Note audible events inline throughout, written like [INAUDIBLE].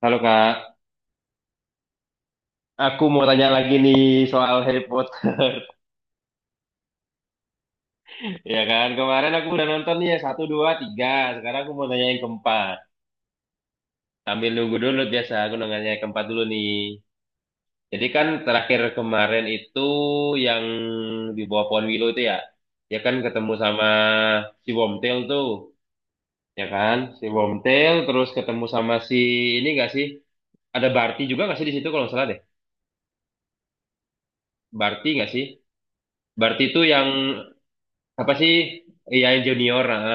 Halo Kak, aku mau tanya lagi nih soal Harry Potter. [LAUGHS] Ya kan, kemarin aku udah nonton nih ya, satu, dua, tiga. Sekarang aku mau nanya yang keempat. Sambil nunggu dulu biasa, aku nanya yang keempat dulu nih. Jadi kan terakhir kemarin itu yang di bawah pohon Willow itu ya, ya kan ketemu sama si Wormtail tuh, ya kan, si Wormtail terus ketemu sama si ini gak sih? Ada Barty juga gak sih di situ kalau nggak salah deh? Barty gak sih? Barty itu yang apa sih? Iya yang junior, ah.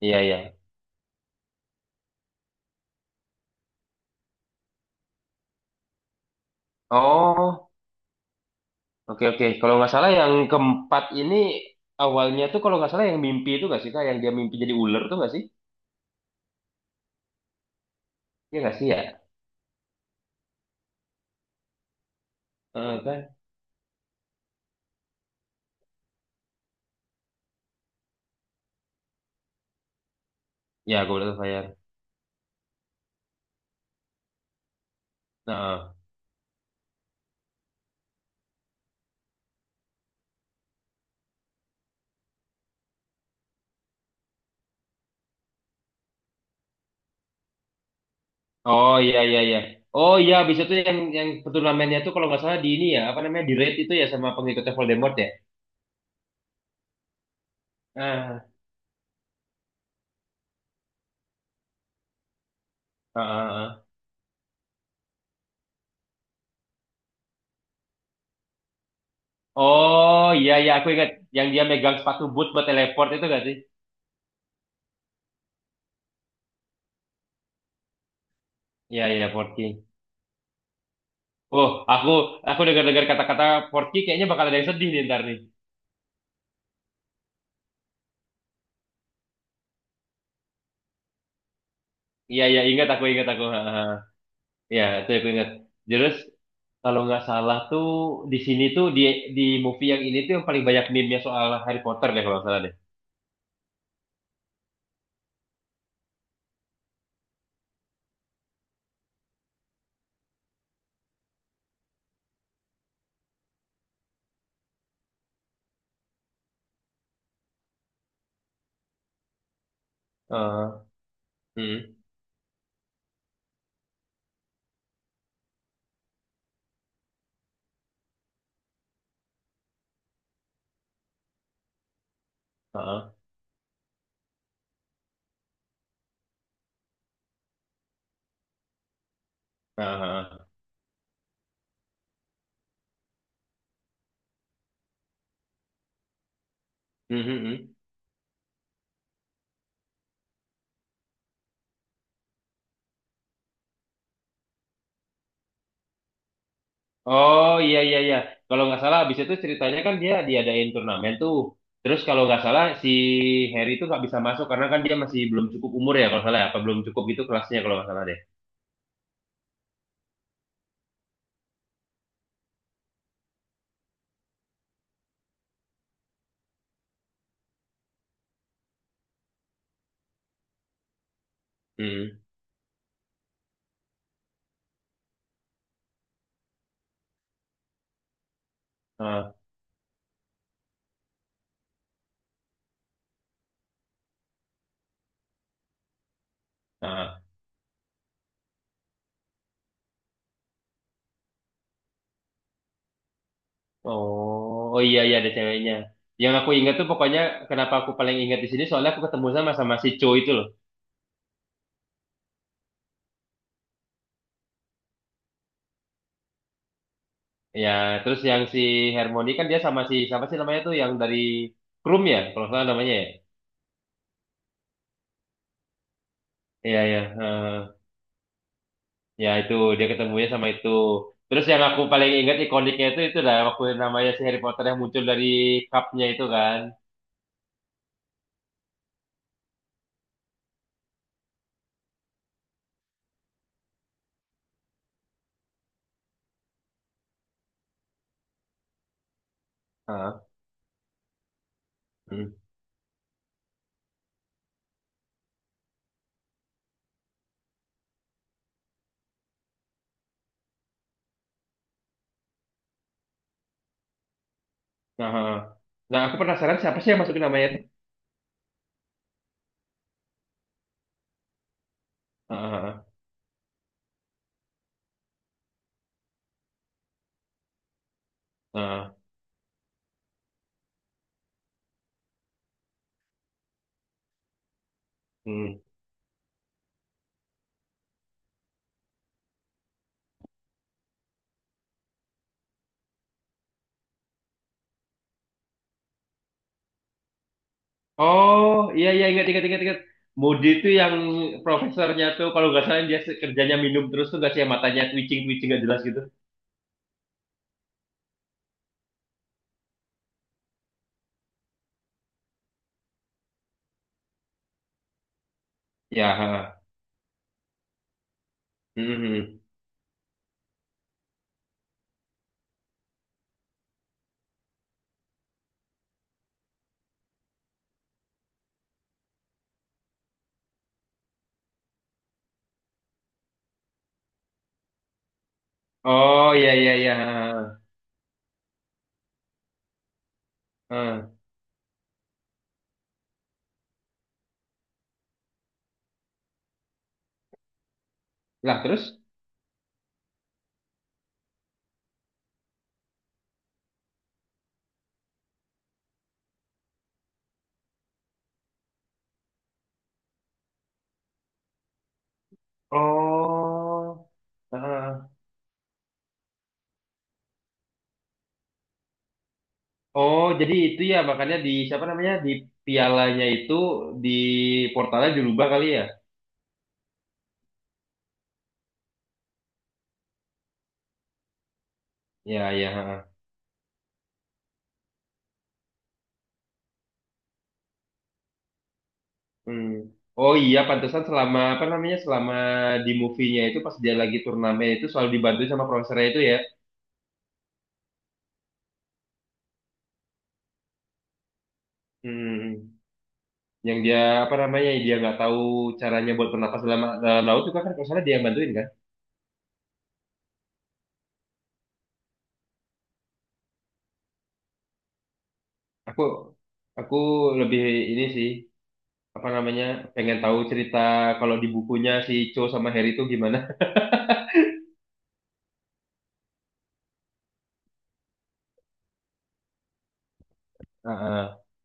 Iya, iya. Oh, oke, oke. Kalau nggak salah yang keempat ini awalnya tuh kalau nggak salah yang mimpi itu nggak sih, Kak? Yang dia mimpi jadi ular tuh nggak sih? Iya nggak sih ya? Eh, kan? Ya, gue udah bayar. Nah, eh. Oh iya, iya, iya. Oh iya, abis itu yang turnamennya tuh kalau nggak salah di ini ya, apa namanya, di raid itu ya sama pengikutnya Voldemort ya? Ah, ah, ah, ah. Oh iya, iya, aku ingat. Yang dia megang sepatu boot buat teleport itu nggak sih? Iya, iya, Port King. Oh, aku dengar-dengar kata-kata Port King kayaknya bakal ada yang sedih nih ntar nih. Iya, iya, ingat aku, ingat aku. Ha, ha. Iya, itu aku ingat. Terus, kalau nggak salah tuh, di sini tuh, di movie yang ini tuh yang paling banyak meme-nya soal Harry Potter deh, kalau nggak salah deh. Heeh. Hmm. Heeh. Heeh. Hmm, hmm, hmm. Oh, iya, iya, iya. Kalau nggak salah, abis itu ceritanya kan dia diadain turnamen tuh. Terus kalau nggak salah, si Harry itu nggak bisa masuk, karena kan dia masih belum cukup umur ya, kalau nggak salah ya. Apa belum cukup gitu kelasnya, kalau nggak salah deh. Hmm. Heeh. Oh iya iya ada ceweknya. Yang aku ingat tuh pokoknya kenapa aku paling ingat di sini soalnya aku ketemu sama sama si Cho itu loh. Ya, terus yang si Harmony kan dia sama si siapa sih namanya tuh yang dari Krum ya, kalau nggak salah namanya ya. Iya iya, ya itu dia ketemunya sama itu. Terus yang aku paling ingat ikoniknya itu dah waktu namanya si Harry Potter yang muncul dari cupnya itu kan. Heeh. Hmm. Nah, heeh. Nah aku penasaran siapa sih yang masukin namanya itu? Heeh, heeh, heeh. Hmm. Oh iya iya ingat ingat ingat ingat. Moody itu yang profesornya tuh kalau nggak salah dia kerjanya minum terus tuh nggak sih yang matanya twitching twitching nggak jelas gitu. Ya. Ha. Mhm. Oh iya iya iya. ha, ha. Ha. Lah terus? Oh. ha, ha. Oh jadi itu ya makanya di siapa namanya di pialanya itu di portalnya dirubah kali ya? Ya ya. Ha. Hmm. Oh iya, pantesan selama apa namanya selama di movie-nya itu pas dia lagi turnamen itu selalu dibantu sama profesornya itu ya. Hmm. Yang dia apa namanya dia nggak tahu caranya buat bernapas dalam dalam laut juga kan kalau salah dia yang bantuin kan. Aku aku lebih ini sih apa namanya pengen tahu cerita kalau di bukunya si Cho sama Harry itu gimana. Heeh. [LAUGHS]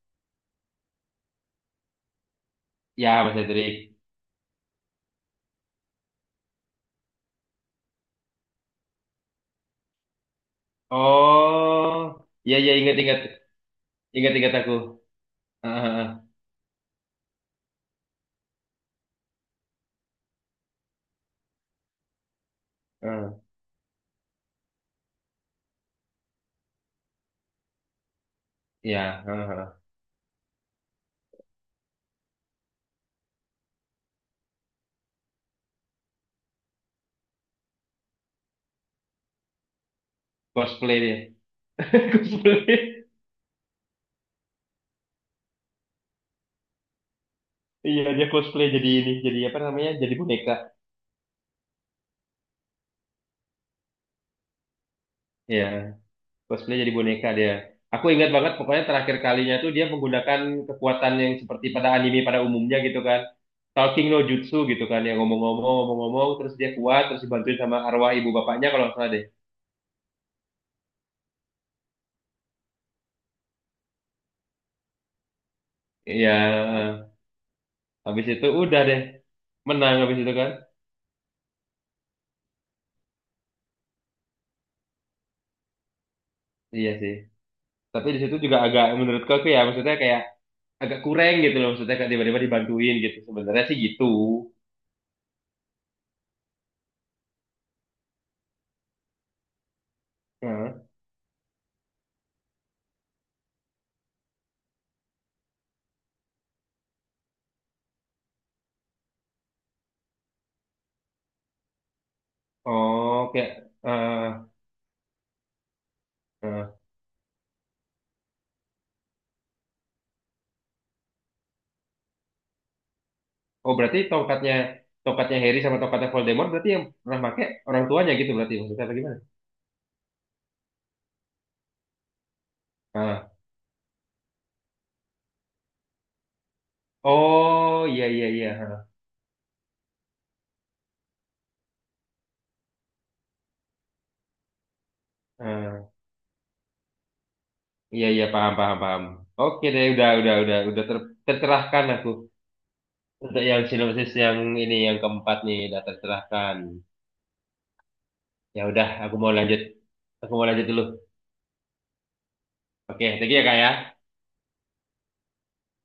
Ya Mas Hendrik. Oh ya ya ingat ingat ingat ingat aku. Heeh, heeh, heeh. Ya heeh, heeh. Cosplay dia. [LAUGHS] Cosplay. Iya, dia cosplay jadi ini, jadi apa namanya? Jadi boneka. Iya, cosplay jadi boneka dia. Aku ingat banget pokoknya terakhir kalinya tuh dia menggunakan kekuatan yang seperti pada anime pada umumnya gitu kan. Talking no jutsu gitu kan, yang ngomong-ngomong, ngomong-ngomong, terus dia kuat, terus dibantuin sama arwah ibu bapaknya kalau nggak salah deh. Iya, habis itu udah deh, menang habis itu kan. Iya sih. Tapi di situ juga agak menurutku aku ya, maksudnya kayak agak kurang gitu loh, maksudnya kayak tiba-tiba dibantuin gitu. Sebenarnya sih gitu. Heeh. Oh, kayak eh eh. oh berarti tongkatnya tongkatnya Harry sama tongkatnya Voldemort berarti yang pernah pakai orang tuanya gitu berarti maksudnya apa gimana? Ah. Oh iya iya iya. Ah, ah. iya iya paham paham paham. Oke deh udah tercerahkan aku untuk yang sinopsis yang ini yang keempat nih udah tercerahkan. Ya udah aku mau lanjut dulu. Oke, thank you ya kak ya.